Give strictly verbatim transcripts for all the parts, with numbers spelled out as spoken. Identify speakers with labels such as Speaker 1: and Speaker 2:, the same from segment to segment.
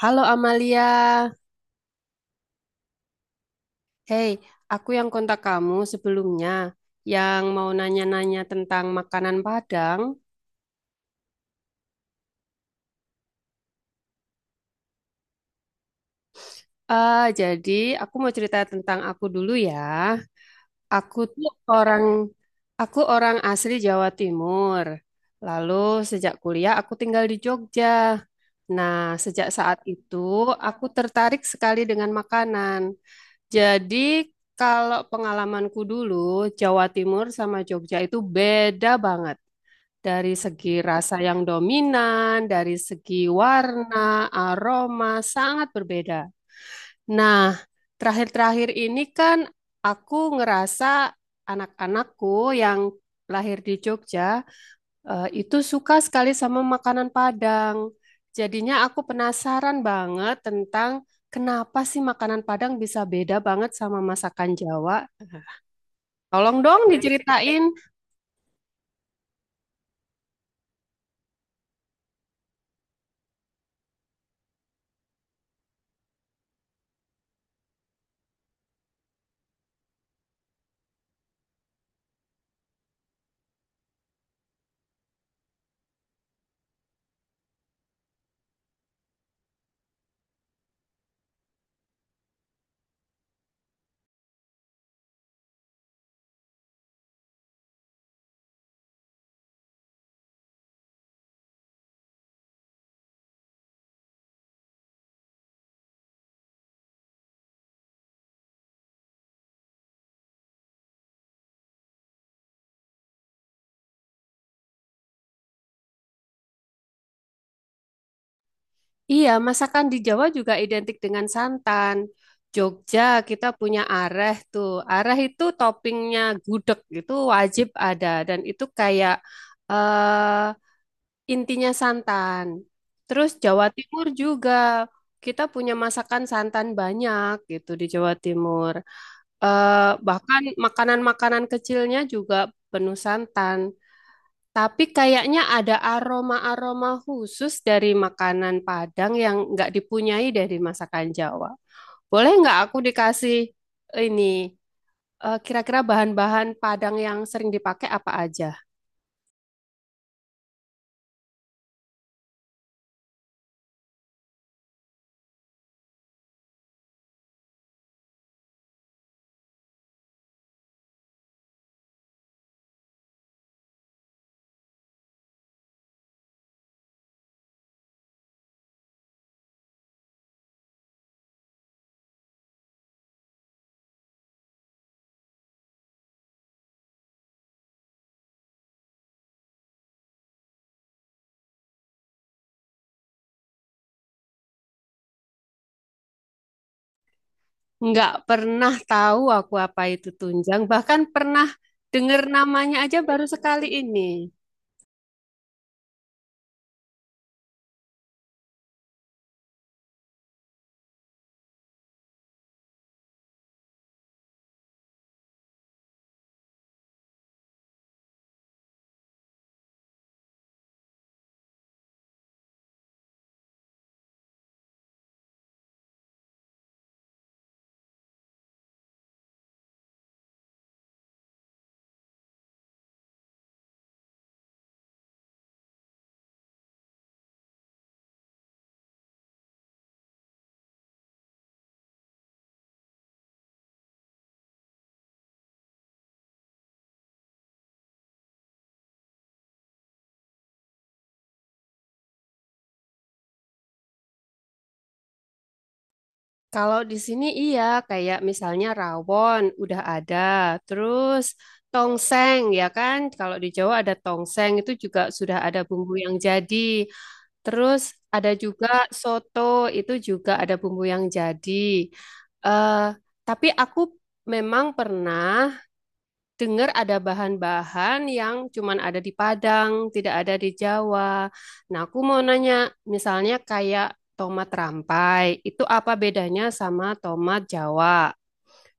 Speaker 1: Halo Amalia, hey, aku yang kontak kamu sebelumnya yang mau nanya-nanya tentang makanan Padang. Eh, jadi aku mau cerita tentang aku dulu ya. Aku tuh orang, aku orang asli Jawa Timur. Lalu sejak kuliah aku tinggal di Jogja. Nah, sejak saat itu aku tertarik sekali dengan makanan. Jadi kalau pengalamanku dulu, Jawa Timur sama Jogja itu beda banget. Dari segi rasa yang dominan, dari segi warna, aroma, sangat berbeda. Nah, terakhir-terakhir ini kan aku ngerasa anak-anakku yang lahir di Jogja eh, itu suka sekali sama makanan Padang. Jadinya aku penasaran banget tentang kenapa sih makanan Padang bisa beda banget sama masakan Jawa. Tolong dong diceritain. Iya, masakan di Jawa juga identik dengan santan. Jogja kita punya areh tuh. Areh itu toppingnya gudeg itu wajib ada dan itu kayak eh, intinya santan. Terus Jawa Timur juga kita punya masakan santan banyak gitu di Jawa Timur. Eh, bahkan makanan-makanan kecilnya juga penuh santan. Tapi kayaknya ada aroma-aroma khusus dari makanan Padang yang nggak dipunyai dari masakan Jawa. Boleh nggak aku dikasih ini eh, kira-kira bahan-bahan Padang yang sering dipakai apa aja? Nggak pernah tahu aku apa itu tunjang, bahkan pernah dengar namanya aja baru sekali ini. Kalau di sini iya, kayak misalnya rawon udah ada, terus tongseng ya kan? Kalau di Jawa ada tongseng itu juga sudah ada bumbu yang jadi. Terus ada juga soto itu juga ada bumbu yang jadi. eh tapi aku memang pernah dengar ada bahan-bahan yang cuman ada di Padang, tidak ada di Jawa. Nah, aku mau nanya, misalnya kayak tomat rampai, itu apa bedanya sama tomat Jawa?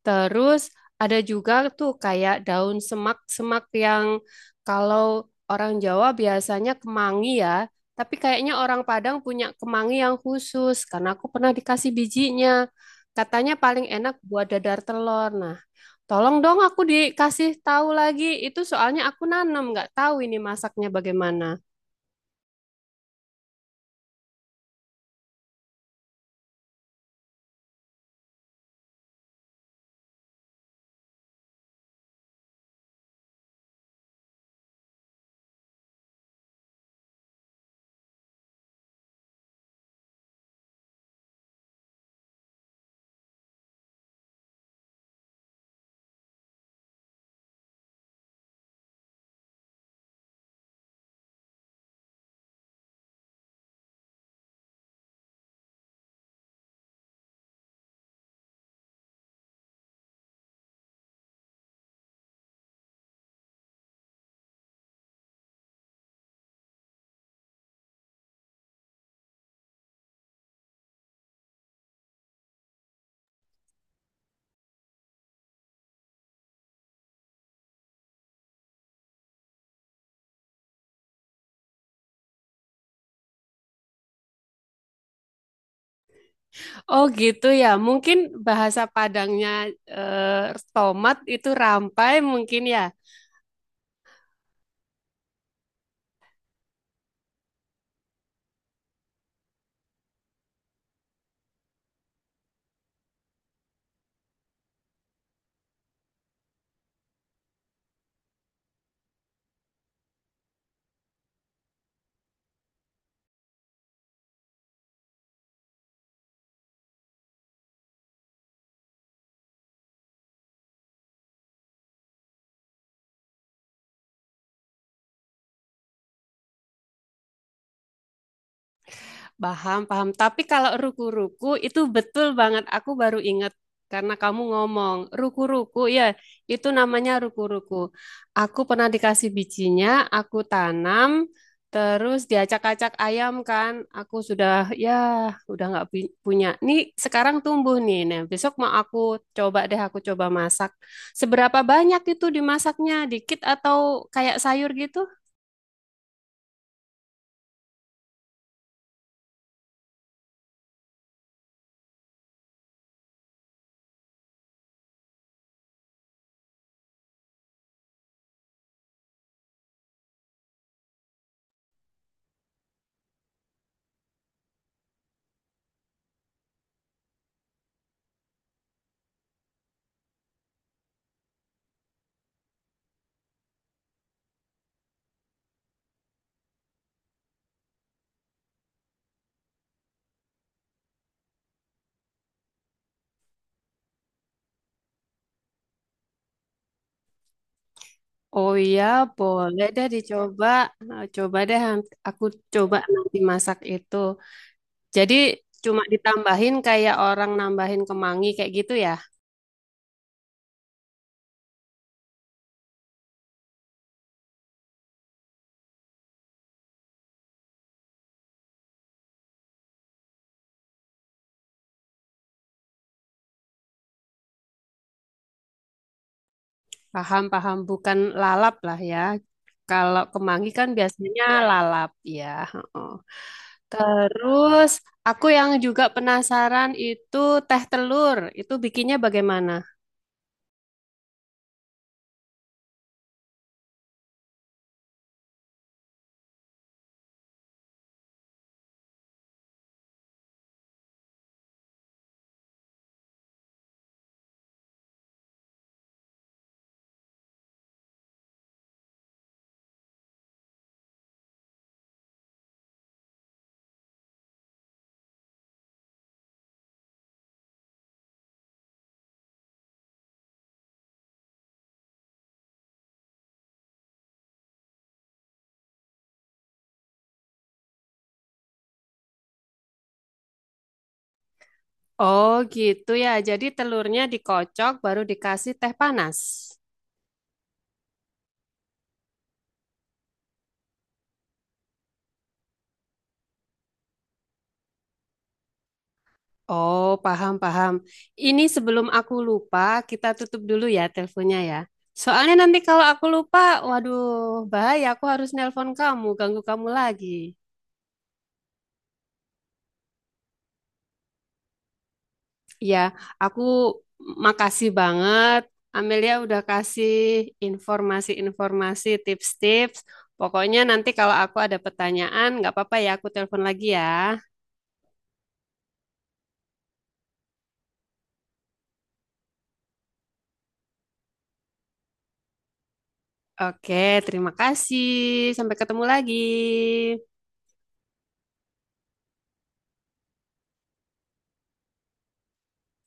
Speaker 1: Terus ada juga tuh kayak daun semak-semak yang kalau orang Jawa biasanya kemangi ya, tapi kayaknya orang Padang punya kemangi yang khusus karena aku pernah dikasih bijinya. Katanya paling enak buat dadar telur. Nah, tolong dong aku dikasih tahu lagi. Itu soalnya aku nanam, nggak tahu ini masaknya bagaimana. Oh gitu ya, mungkin bahasa Padangnya eh, tomat itu rampai mungkin ya. Paham, paham. Tapi kalau ruku-ruku itu betul banget. Aku baru ingat karena kamu ngomong ruku-ruku ya, itu namanya ruku-ruku. Aku pernah dikasih bijinya, aku tanam, terus diacak-acak ayam kan. Aku sudah ya udah nggak pu- punya. Nih sekarang tumbuh nih. Nah, besok mau aku coba deh, aku coba masak. Seberapa banyak itu dimasaknya? Dikit atau kayak sayur gitu? Oh iya, boleh deh dicoba. Nah, coba deh han- aku coba nanti masak itu. Jadi cuma ditambahin kayak orang nambahin kemangi kayak gitu ya. Paham, paham. Bukan lalap lah ya. Kalau kemangi kan biasanya lalap ya. Heeh. Terus aku yang juga penasaran itu teh telur. Itu bikinnya bagaimana? Oh gitu ya. Jadi telurnya dikocok baru dikasih teh panas. Oh, paham, paham. Ini sebelum aku lupa, kita tutup dulu ya teleponnya ya. Soalnya nanti kalau aku lupa, waduh, bahaya. Aku harus nelpon kamu, ganggu kamu lagi. Ya, aku makasih banget. Amelia udah kasih informasi-informasi, tips-tips. Pokoknya nanti kalau aku ada pertanyaan, nggak apa-apa ya, aku telepon lagi ya. Oke, terima kasih. Sampai ketemu lagi.